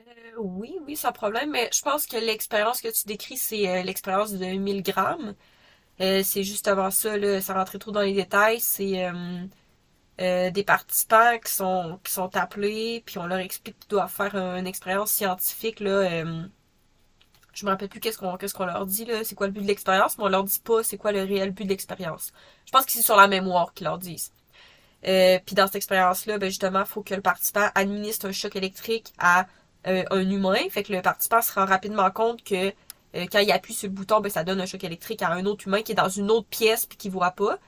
Oui, oui, sans problème, mais je pense que l'expérience que tu décris, c'est l'expérience de 1000 grammes. C'est juste avant ça, là, sans rentrer trop dans les détails, c'est des participants qui sont appelés, puis on leur explique qu'ils doivent faire une expérience scientifique, là, je me rappelle plus qu'est-ce qu'on leur dit, là, c'est quoi le but de l'expérience, mais on leur dit pas c'est quoi le réel but de l'expérience. Je pense que c'est sur la mémoire qu'ils leur disent. Puis dans cette expérience-là, ben justement, il faut que le participant administre un choc électrique à un humain. Fait que le participant se rend rapidement compte que quand il appuie sur le bouton, ben, ça donne un choc électrique à un autre humain qui est dans une autre pièce puis qui voit pas.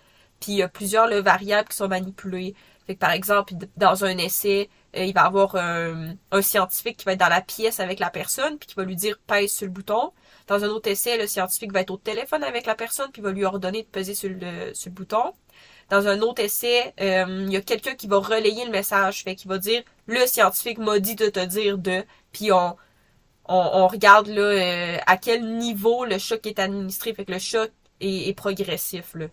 Puis il y a plusieurs là, variables qui sont manipulées. Fait que par exemple, dans un essai, il va y avoir un scientifique qui va être dans la pièce avec la personne puis qui va lui dire pèse sur le bouton. Dans un autre essai, le scientifique va être au téléphone avec la personne puis va lui ordonner de peser sur le bouton dans un autre essai, il y a quelqu'un qui va relayer le message, fait qu'il va dire le scientifique m'a dit de te dire de, puis on regarde là à quel niveau le choc est administré, fait que le choc est progressif là.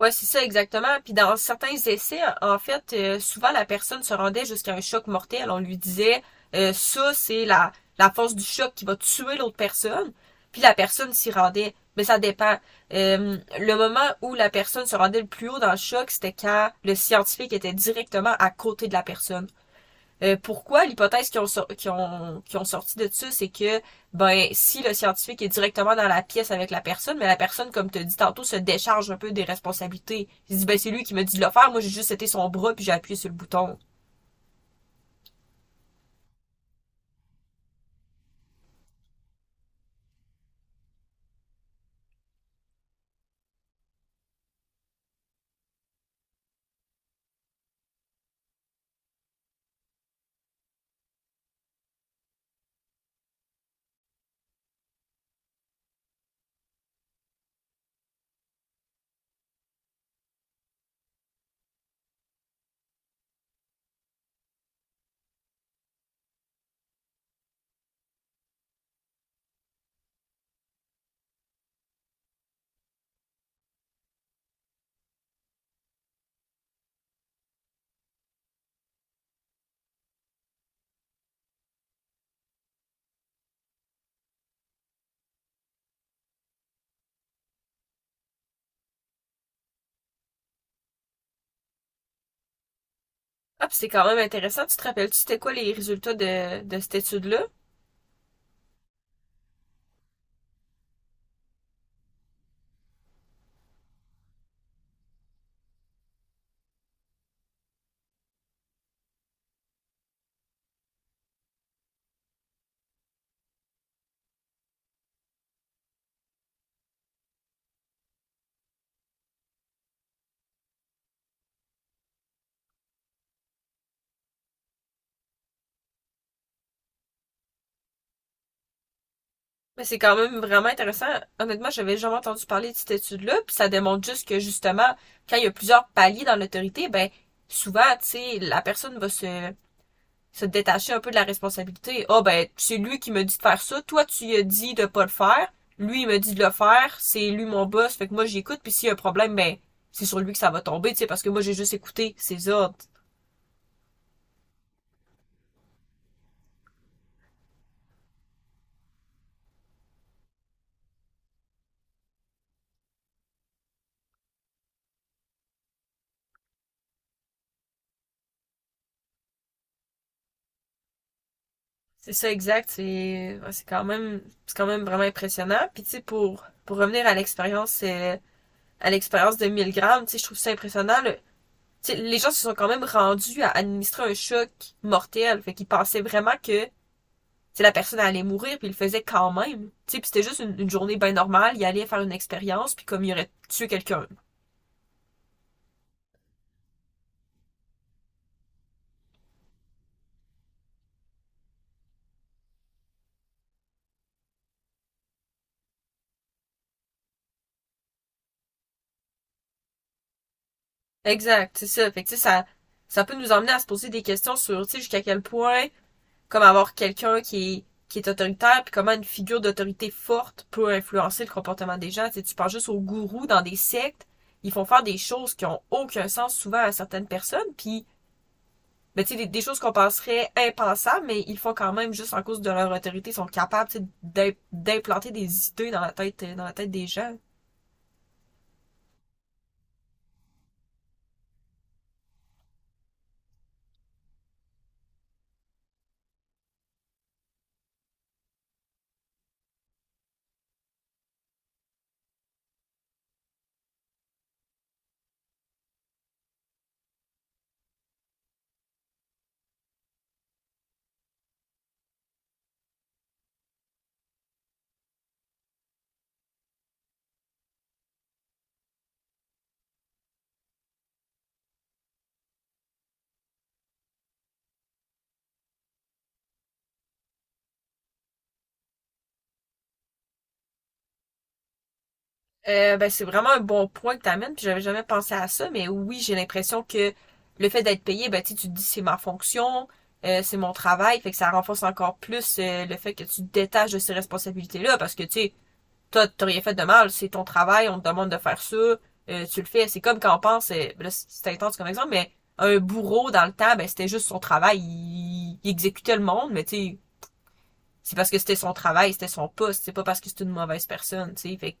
Ouais, c'est ça exactement. Puis dans certains essais, en fait, souvent la personne se rendait jusqu'à un choc mortel. On lui disait, ça, c'est la force du choc qui va tuer l'autre personne. Puis la personne s'y rendait. Mais ça dépend. Le moment où la personne se rendait le plus haut dans le choc, c'était quand le scientifique était directement à côté de la personne. Pourquoi l'hypothèse qu'ils ont sorti de ça, c'est que ben si le scientifique est directement dans la pièce avec la personne, mais la personne, comme tu as dit tantôt, se décharge un peu des responsabilités. Il se dit ben c'est lui qui m'a dit de le faire, moi j'ai juste été son bras puis j'ai appuyé sur le bouton. Ah, puis c'est quand même intéressant. Tu te rappelles-tu c'était quoi les résultats de cette étude-là? Mais c'est quand même vraiment intéressant. Honnêtement, j'avais jamais entendu parler de cette étude-là, puis ça démontre juste que justement, quand il y a plusieurs paliers dans l'autorité, ben souvent, tu sais, la personne va se détacher un peu de la responsabilité. Ah oh, ben, c'est lui qui me dit de faire ça, toi tu lui as dit de pas le faire, lui il me dit de le faire, c'est lui mon boss, fait que moi j'écoute, puis s'il y a un problème, ben c'est sur lui que ça va tomber, tu sais, parce que moi j'ai juste écouté ses ordres. C'est ça exact, c'est ouais, c'est quand même vraiment impressionnant. Puis tu sais pour revenir à l'expérience de Milgram tu sais je trouve ça impressionnant. Le, tu sais, les gens se sont quand même rendus à administrer un choc mortel, fait qu'ils pensaient vraiment que sais, la personne allait mourir, puis il le faisait quand même. Tu sais, puis c'était juste une journée bien normale, il allait faire une expérience, puis comme il aurait tué quelqu'un. Exact, c'est ça. Fait que tu ça, ça peut nous emmener à se poser des questions sur, tu jusqu'à quel point, comme avoir quelqu'un qui est autoritaire, puis comment une figure d'autorité forte peut influencer le comportement des gens. Tu sais, tu penses juste aux gourous dans des sectes, ils font faire des choses qui ont aucun sens souvent à certaines personnes, puis ben, tu sais, des choses qu'on penserait impensables, mais ils font quand même juste en cause de leur autorité, ils sont capables tu sais, d'implanter des idées dans la tête des gens. Ben, c'est vraiment un bon point que t'amènes, puis j'avais jamais pensé à ça, mais oui, j'ai l'impression que le fait d'être payé, ben, tu te dis c'est ma fonction, c'est mon travail, fait que ça renforce encore plus le fait que tu te détaches de ces responsabilités-là, parce que, tu sais, t'as rien fait de mal, c'est ton travail, on te demande de faire ça, tu le fais. C'est comme quand on pense, là, c'est intense comme exemple, mais un bourreau dans le temps, ben c'était juste son travail, il exécutait le monde, mais tu sais, c'est parce que c'était son travail, c'était son poste, c'est pas parce que c'est une mauvaise personne, tu sais. Fait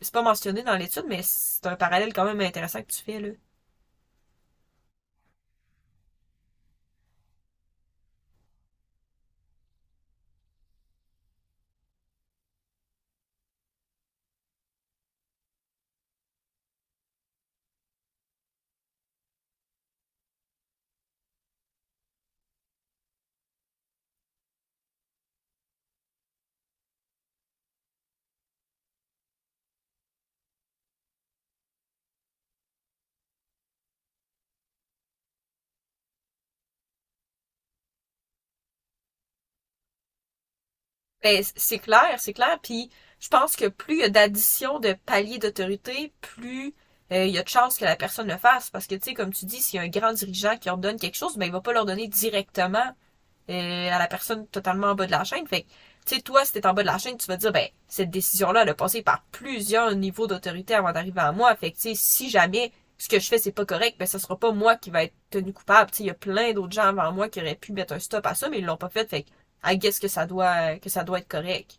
c'est pas mentionné dans l'étude, mais c'est un parallèle quand même intéressant que tu fais, là. Ben, c'est clair, c'est clair. Puis je pense que plus il y a d'addition de paliers d'autorité, plus il y a de chances que la personne le fasse. Parce que, tu sais, comme tu dis, s'il y a un grand dirigeant qui ordonne quelque chose, ben, il va pas l'ordonner directement à la personne totalement en bas de la chaîne. Fait que, tu sais, toi, si t'es en bas de la chaîne, tu vas dire, ben, cette décision-là, elle a passé par plusieurs niveaux d'autorité avant d'arriver à moi. Fait que, tu sais, si jamais ce que je fais, c'est pas correct, ben, ça sera pas moi qui va être tenu coupable. Tu sais, il y a plein d'autres gens avant moi qui auraient pu mettre un stop à ça, mais ils l'ont pas fait. Fait que, I guess que ça doit être correct.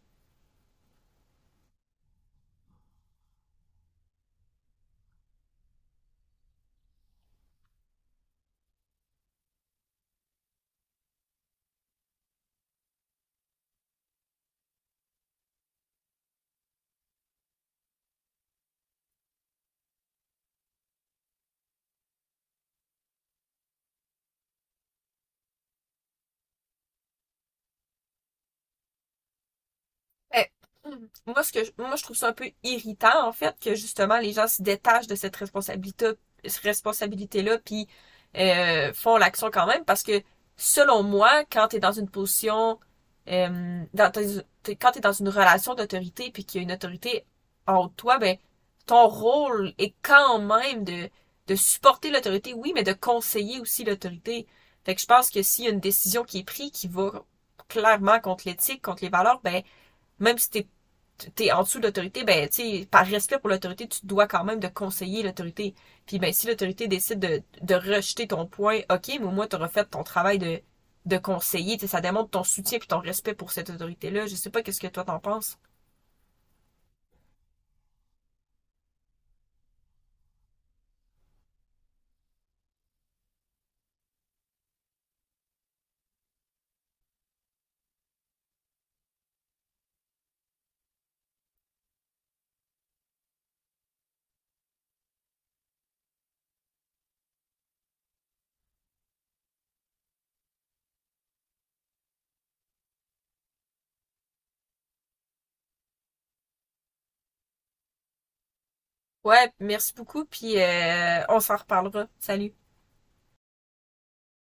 Ben, moi, moi, je trouve ça un peu irritant, en fait, que justement, les gens se détachent de cette responsabilité-là, puis font l'action quand même, parce que, selon moi, quand t'es dans une position, quand t'es dans une relation d'autorité, puis qu'il y a une autorité en haut de toi, ben, ton rôle est quand même de supporter l'autorité, oui, mais de conseiller aussi l'autorité. Fait que je pense que s'il y a une décision qui est prise qui va clairement contre l'éthique, contre les valeurs, ben, même si t'es en dessous de l'autorité, ben, tu sais, par respect pour l'autorité, tu dois quand même de conseiller l'autorité. Puis, ben, si l'autorité décide de rejeter ton point, ok, mais au moins, t'auras fait ton travail de conseiller. Tu sais, ça démontre ton soutien puis ton respect pour cette autorité-là. Je sais pas qu'est-ce que toi t'en penses. Ouais, merci beaucoup, puis on s'en reparlera. Salut!